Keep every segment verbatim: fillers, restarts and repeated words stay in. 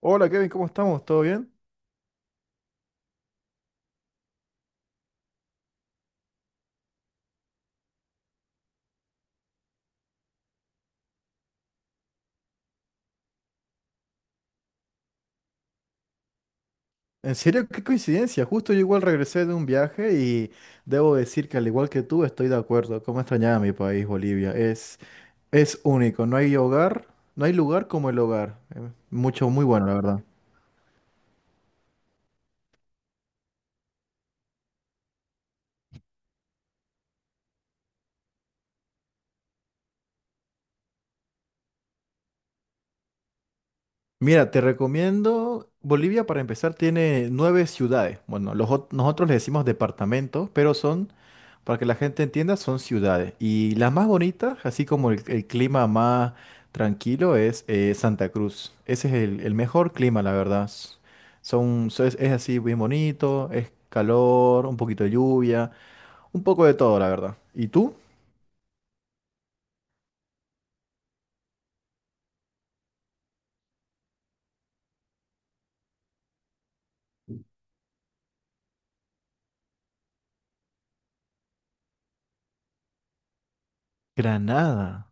Hola Kevin, ¿cómo estamos? ¿Todo bien? En serio, qué coincidencia. Justo yo igual regresé de un viaje y debo decir que al igual que tú estoy de acuerdo. Cómo extrañaba mi país, Bolivia. Es, es único. No hay hogar, no hay lugar como el hogar. Eh, Mucho, muy bueno, la verdad. Mira, te recomiendo, Bolivia para empezar tiene nueve ciudades. Bueno, los, ot- nosotros le decimos departamentos, pero son para que la gente entienda, son ciudades. Y las más bonitas, así como el, el clima más tranquilo, es eh, Santa Cruz. Ese es el, el mejor clima, la verdad. S- Son, so- es, es así bien bonito, es calor, un poquito de lluvia, un poco de todo, la verdad. ¿Y tú? Granada.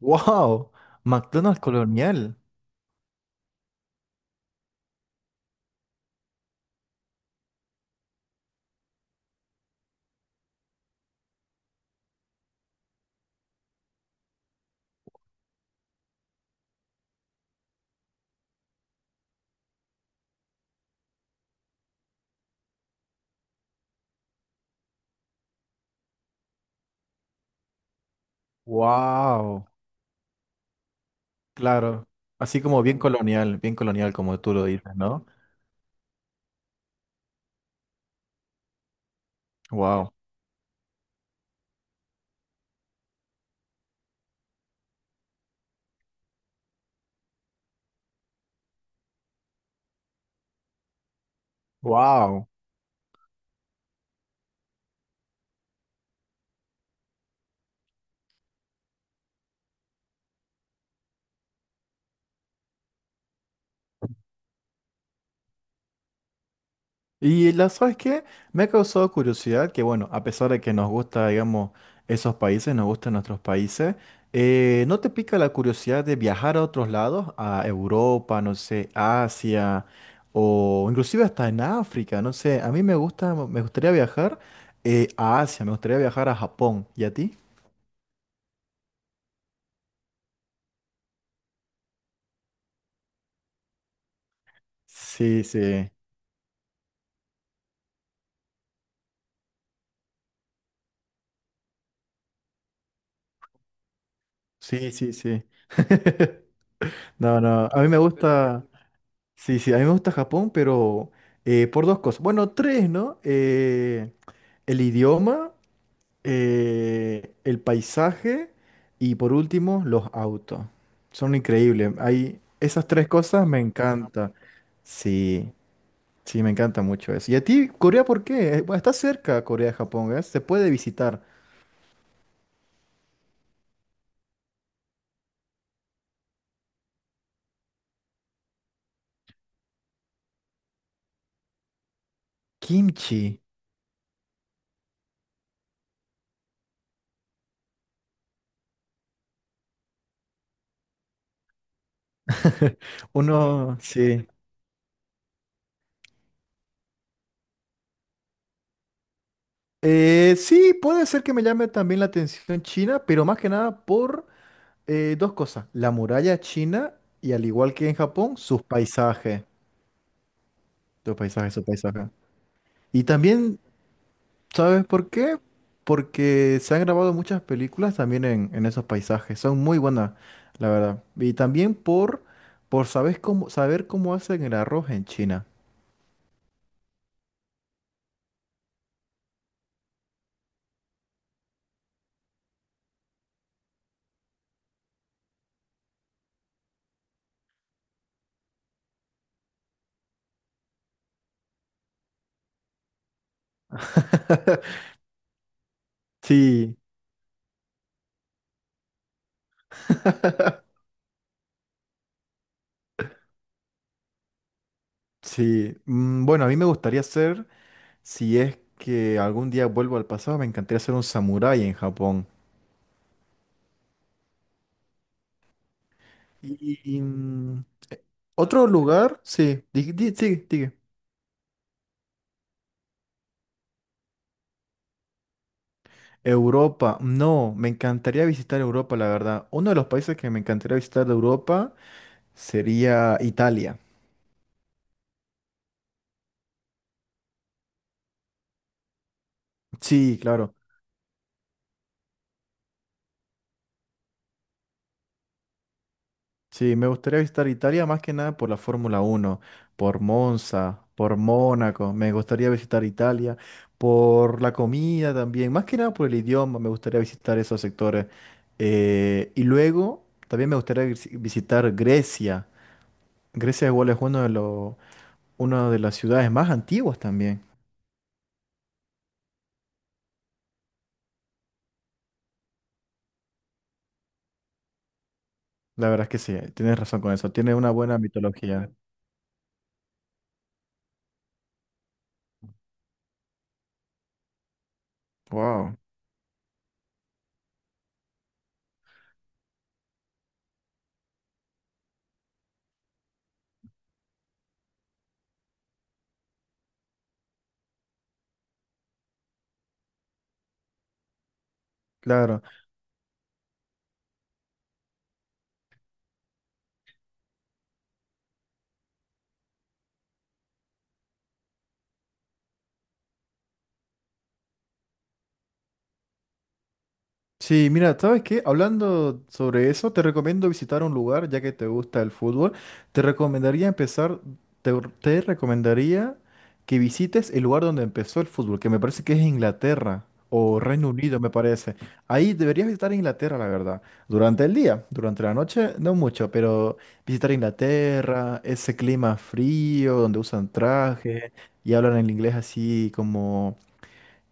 ¡Wow! McDonald's colonial. ¡Wow! Claro. Así como bien colonial, bien colonial, como tú lo dices, ¿no? ¡Wow! ¡Wow! Y la, ¿sabes qué? Me ha causado curiosidad que, bueno, a pesar de que nos gusta, digamos, esos países, nos gustan nuestros países, eh, ¿no te pica la curiosidad de viajar a otros lados? A Europa, no sé, Asia, o inclusive hasta en África, no sé. A mí me gusta, me gustaría viajar eh, a Asia, me gustaría viajar a Japón. ¿Y a ti? Sí, sí, sí, sí, sí. No, no, a mí me gusta. Sí, sí, a mí me gusta Japón, pero eh, por dos cosas. Bueno, tres, ¿no? Eh, el idioma, eh, el paisaje y por último, los autos. Son increíbles. Hay, esas tres cosas me encantan. Sí, sí, me encanta mucho eso. ¿Y a ti, Corea, por qué? Eh, Bueno, está cerca Corea de Japón, ¿eh? Se puede visitar. Kimchi. Uno, sí. Eh, sí, puede ser que me llame también la atención China, pero más que nada por Eh, dos cosas. La muralla china y al igual que en Japón, sus paisajes. Sus paisajes, sus paisajes. Y también, ¿sabes por qué? Porque se han grabado muchas películas también en, en esos paisajes. Son muy buenas, la verdad. Y también por, por sabes cómo, saber cómo hacen el arroz en China. Sí. Sí, mm, bueno, a mí me gustaría ser, si es que algún día vuelvo al pasado, me encantaría ser un samurái en Japón. Y, Otro lugar, sí, di- di- sigue, sigue. Europa, no, me encantaría visitar Europa, la verdad. Uno de los países que me encantaría visitar de Europa sería Italia. Sí, claro. Sí, me gustaría visitar Italia más que nada por la Fórmula Uno por Monza, por Mónaco. Me gustaría visitar Italia, por la comida también, más que nada por el idioma. Me gustaría visitar esos sectores. Eh, y luego también me gustaría vis- visitar Grecia. Grecia igual es uno de los una de las ciudades más antiguas también. La verdad es que sí, tienes razón con eso. Tiene una buena mitología. Wow, claro. Sí, mira, ¿sabes qué? Hablando sobre eso, te recomiendo visitar un lugar, ya que te gusta el fútbol. Te recomendaría empezar, te, te recomendaría que visites el lugar donde empezó el fútbol, que me parece que es Inglaterra o Reino Unido, me parece. Ahí deberías visitar Inglaterra, la verdad. Durante el día, durante la noche, no mucho, pero visitar Inglaterra, ese clima frío donde usan traje y hablan el inglés así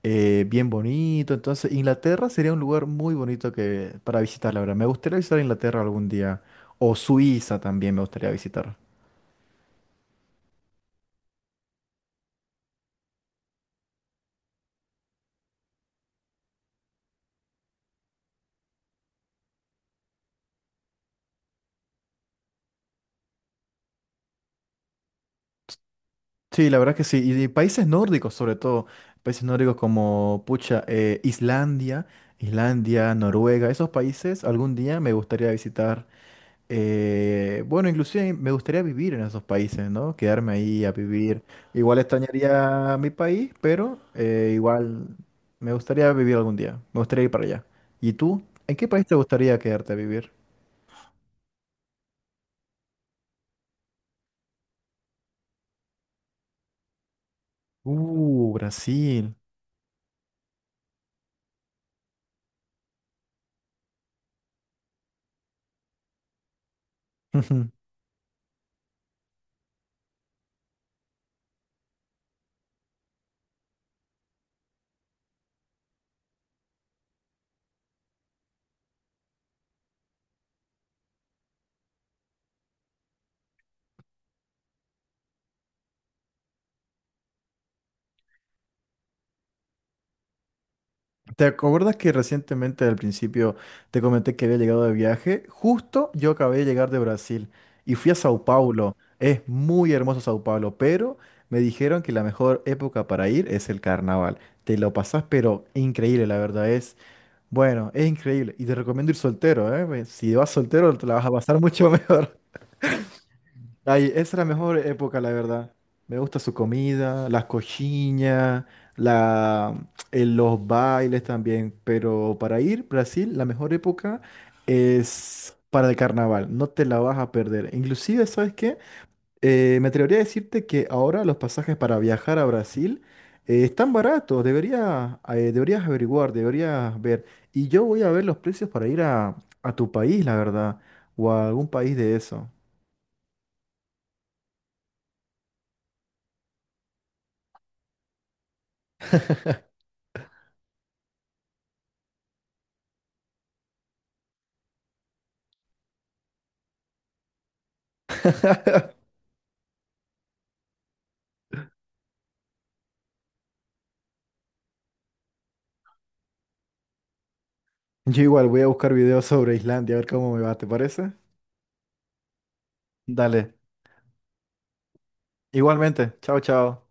eh, bien bonito. Entonces, Inglaterra sería un lugar muy bonito que, para visitar, la verdad. Me gustaría visitar Inglaterra algún día. O Suiza también me gustaría visitar. Sí, la verdad que sí. Y, y países nórdicos, sobre todo. Países nórdicos como, pucha, eh, Islandia, Islandia, Noruega. Esos países algún día me gustaría visitar. Eh, bueno, inclusive me gustaría vivir en esos países, ¿no? Quedarme ahí a vivir. Igual extrañaría mi país, pero eh, igual me gustaría vivir algún día. Me gustaría ir para allá. ¿Y tú? ¿En qué país te gustaría quedarte a vivir? Uh, Brasil. ¿Te acuerdas que recientemente al principio te comenté que había llegado de viaje? Justo yo acabé de llegar de Brasil y fui a Sao Paulo. Es muy hermoso Sao Paulo, pero me dijeron que la mejor época para ir es el carnaval. Te lo pasás, pero increíble, la verdad es. Bueno, es increíble. Y te recomiendo ir soltero, ¿eh? Pues, Si vas soltero, te la vas a pasar mucho mejor. Ay, esa es la mejor época, la verdad. Me gusta su comida, las coxinhas, la, eh, los bailes también. Pero para ir Brasil, la mejor época es para el carnaval. No te la vas a perder. Inclusive, ¿sabes qué? Eh, me atrevería a decirte que ahora los pasajes para viajar a Brasil eh, están baratos. Debería, eh, deberías averiguar, deberías ver. Y yo voy a ver los precios para ir a, a tu país, la verdad, o a algún país de eso. Yo igual voy a buscar videos sobre Islandia, a ver cómo me va, ¿te parece? Dale. Igualmente. Chao, chao.